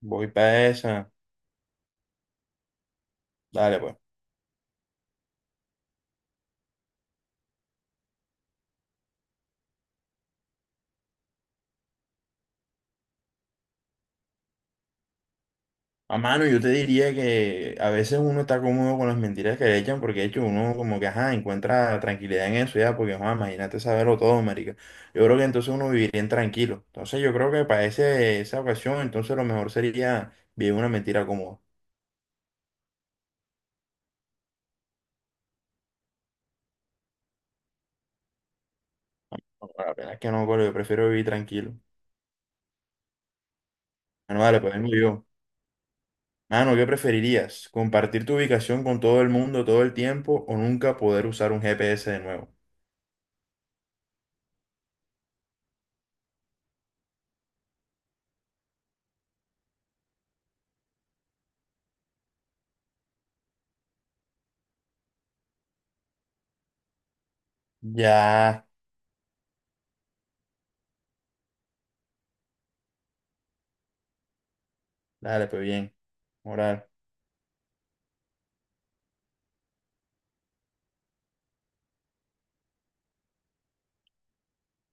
Voy para esa. Dale, pues. A mano, yo te diría que a veces uno está cómodo con las mentiras que le echan, porque de hecho uno como que, ajá, encuentra tranquilidad en eso ya, porque, ajá, imagínate saberlo todo, marica. Yo creo que entonces uno viviría en tranquilo. Entonces yo creo que para esa ocasión, entonces lo mejor sería vivir una mentira cómoda. No, la verdad es que no, colo, yo prefiero vivir tranquilo. Bueno, dale, pues vengo yo. Mano, ¿qué preferirías? ¿Compartir tu ubicación con todo el mundo todo el tiempo o nunca poder usar un GPS de nuevo? Ya. Dale, pues bien. Moral.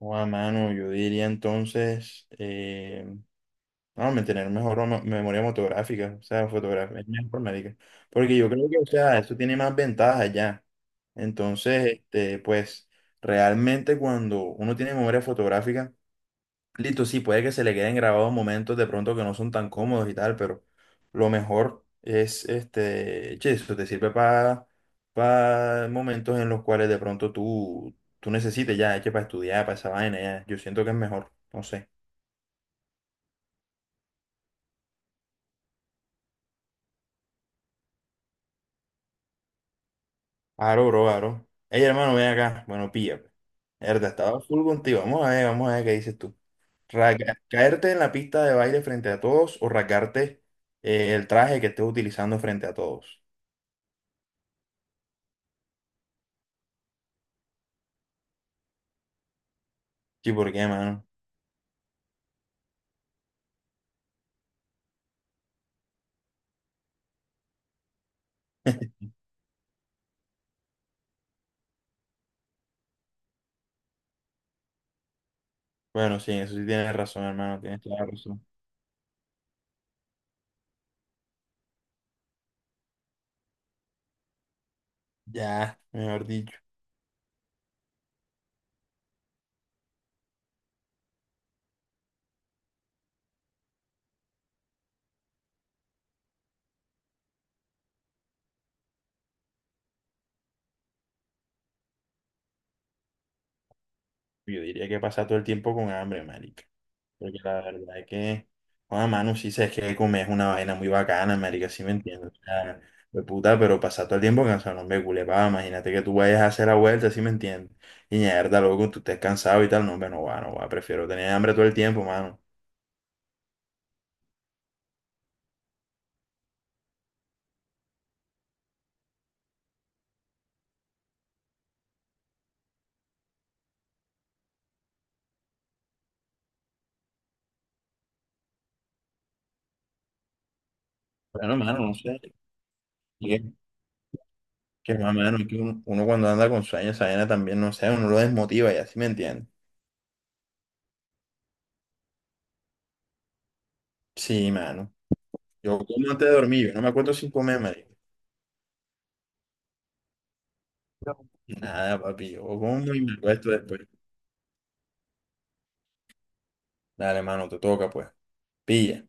O a mano, yo diría entonces, no, mantener mejor o memoria fotográfica, o sea, fotografía informática. Porque yo creo que, o sea, eso tiene más ventajas ya. Entonces, pues, realmente cuando uno tiene memoria fotográfica, listo, sí, puede que se le queden grabados momentos de pronto que no son tan cómodos y tal, pero lo mejor es, che, eso te sirve para momentos en los cuales de pronto tú necesites ya, che, para estudiar, para esa vaina, ya. Yo siento que es mejor, no sé. Aro, bro, aro. Ey, hermano, ven acá. Bueno, pilla, pues. Erda, estaba full contigo. Vamos a ver qué dices tú. ¿Caerte en la pista de baile frente a todos o rasgarte el traje que estés utilizando frente a todos? Sí, ¿por qué, mano? Bueno, sí, eso sí tienes razón, hermano, tienes toda la razón. Ya, mejor dicho, yo diría que pasa todo el tiempo con hambre, marica. Porque la verdad es que, Juan mano, sí sabes que comer es una vaina muy bacana, marica, sí me entiendo. O sea, de puta, pero pasar todo el tiempo cansado, no me culepa, imagínate que tú vayas a hacer la vuelta, sí me entiendes. Y mierda, loco, tú estés cansado y tal, no, hombre, no va, prefiero tener hambre todo el tiempo, mano. Bueno, mano, no sé. Que, que más, mano, que uno cuando anda con sueños, esa vaina también, no sé, uno lo desmotiva, ya, sí me entiendes. Sí, mano. Yo como antes de dormir, yo no me acuerdo sin comer, marico. No. Nada, papi, yo como y me acuesto después. Dale, mano, te toca, pues. Pilla.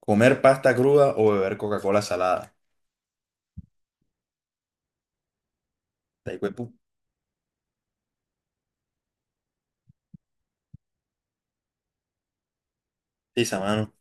Comer pasta cruda o beber Coca-Cola salada. Está ahí, pues, putiza, mano.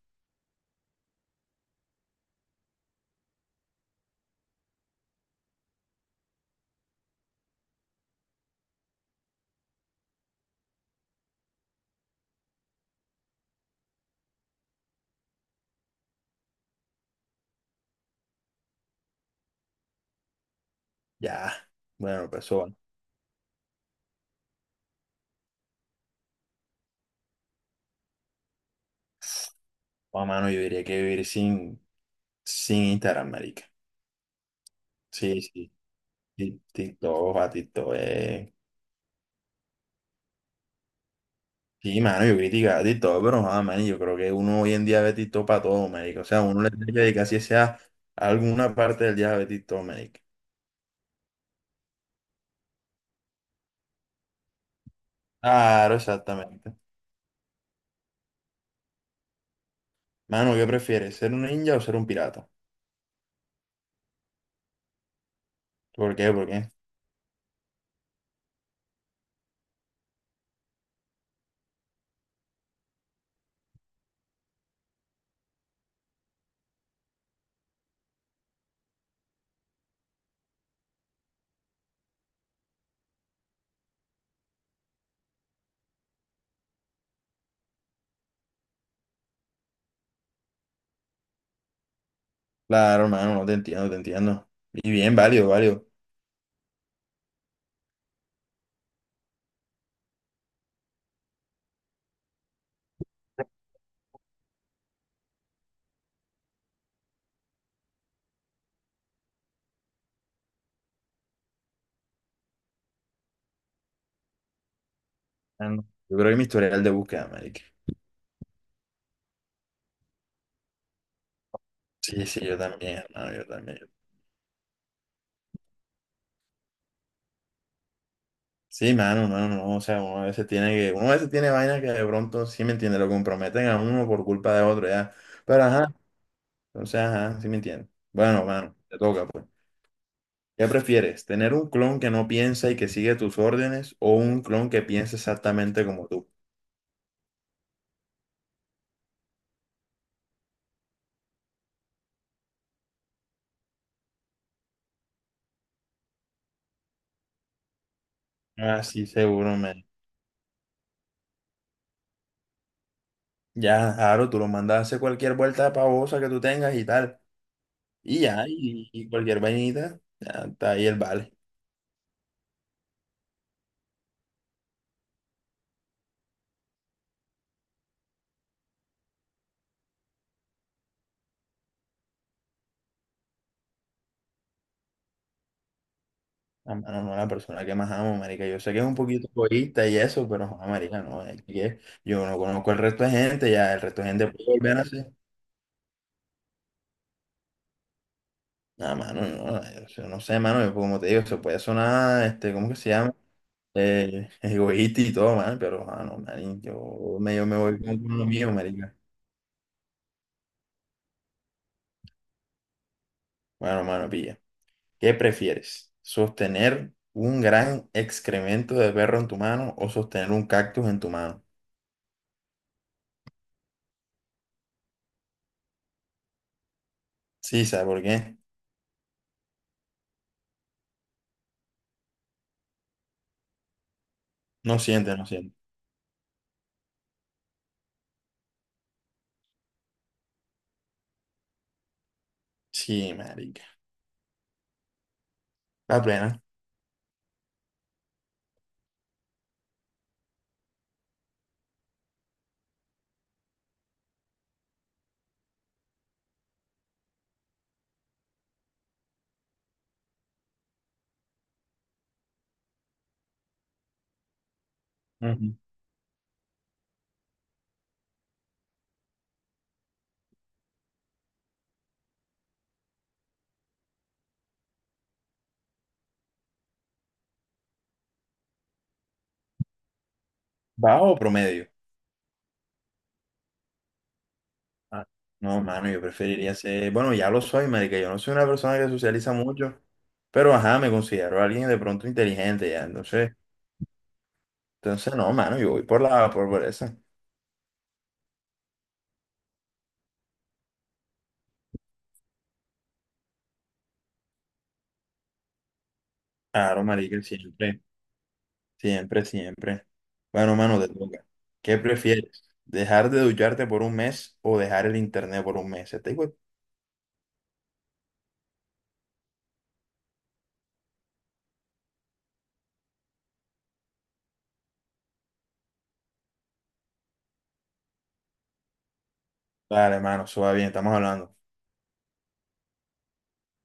Ya. Bueno, pues, eso va. O, mano, yo diría que vivir sin, sin Instagram, marica. Sí, sí. TikTok, a TikTok, eh. Sí, mano, yo criticaba TikTok, pero nada, man, yo creo que uno hoy en día ve TikTok para todo, marica. O sea, uno le tiene que dedicar si sea alguna parte del día a ver TikTok, marica. Claro, exactamente. Mano, ¿qué prefieres? ¿Ser un ninja o ser un pirata? ¿Por qué? Claro, hermano, no te entiendo, te entiendo. Y bien, válido. Mano, yo creo que mi historial de búsqueda, marica. Sí, sí, yo también, hermano, yo también. Sí, mano, no, o sea, uno a veces tiene vainas que de pronto, sí me entiende, lo comprometen a uno por culpa de otro, ya. Pero ajá, entonces, ajá, sí me entiende. Bueno, mano, te toca, pues. ¿Qué prefieres? ¿Tener un clon que no piensa y que sigue tus órdenes o un clon que piensa exactamente como tú? Ah, sí, seguro, man. Ya, claro, tú lo mandas a hacer cualquier vuelta pavosa que tú tengas y tal. Y ya, y cualquier vainita, ya está ahí el vale. Ah, mano, no, la persona que más amo, marica. Yo sé que es un poquito egoísta y eso, pero, joder, marica, no. Es que yo no conozco el resto de gente, ya el resto de gente puede volver a hacer. Nada, mano, no, yo no sé, mano, yo, como te digo, se puede sonar, este, ¿cómo que se llama? Egoísta y todo, man, pero, ah, no, man, yo me voy con lo mío, marica. Bueno, mano, pilla. ¿Qué prefieres? ¿Sostener un gran excremento de perro en tu mano o sostener un cactus en tu mano? Sí, ¿sabes por qué? No siente. Sí, marica. La plena. Ujú. ¿Bajo o promedio? Ah, no, mano, yo preferiría ser... Bueno, ya lo soy, marica. Yo no soy una persona que socializa mucho, pero ajá, me considero alguien de pronto inteligente ya. Entonces no, mano, yo voy por la... por esa. Claro, marica, siempre. Siempre. Bueno, mano, te toca. ¿Qué prefieres? ¿Dejar de ducharte por un mes o dejar el internet por un mes? Te digo, dale, mano, eso va bien, estamos hablando.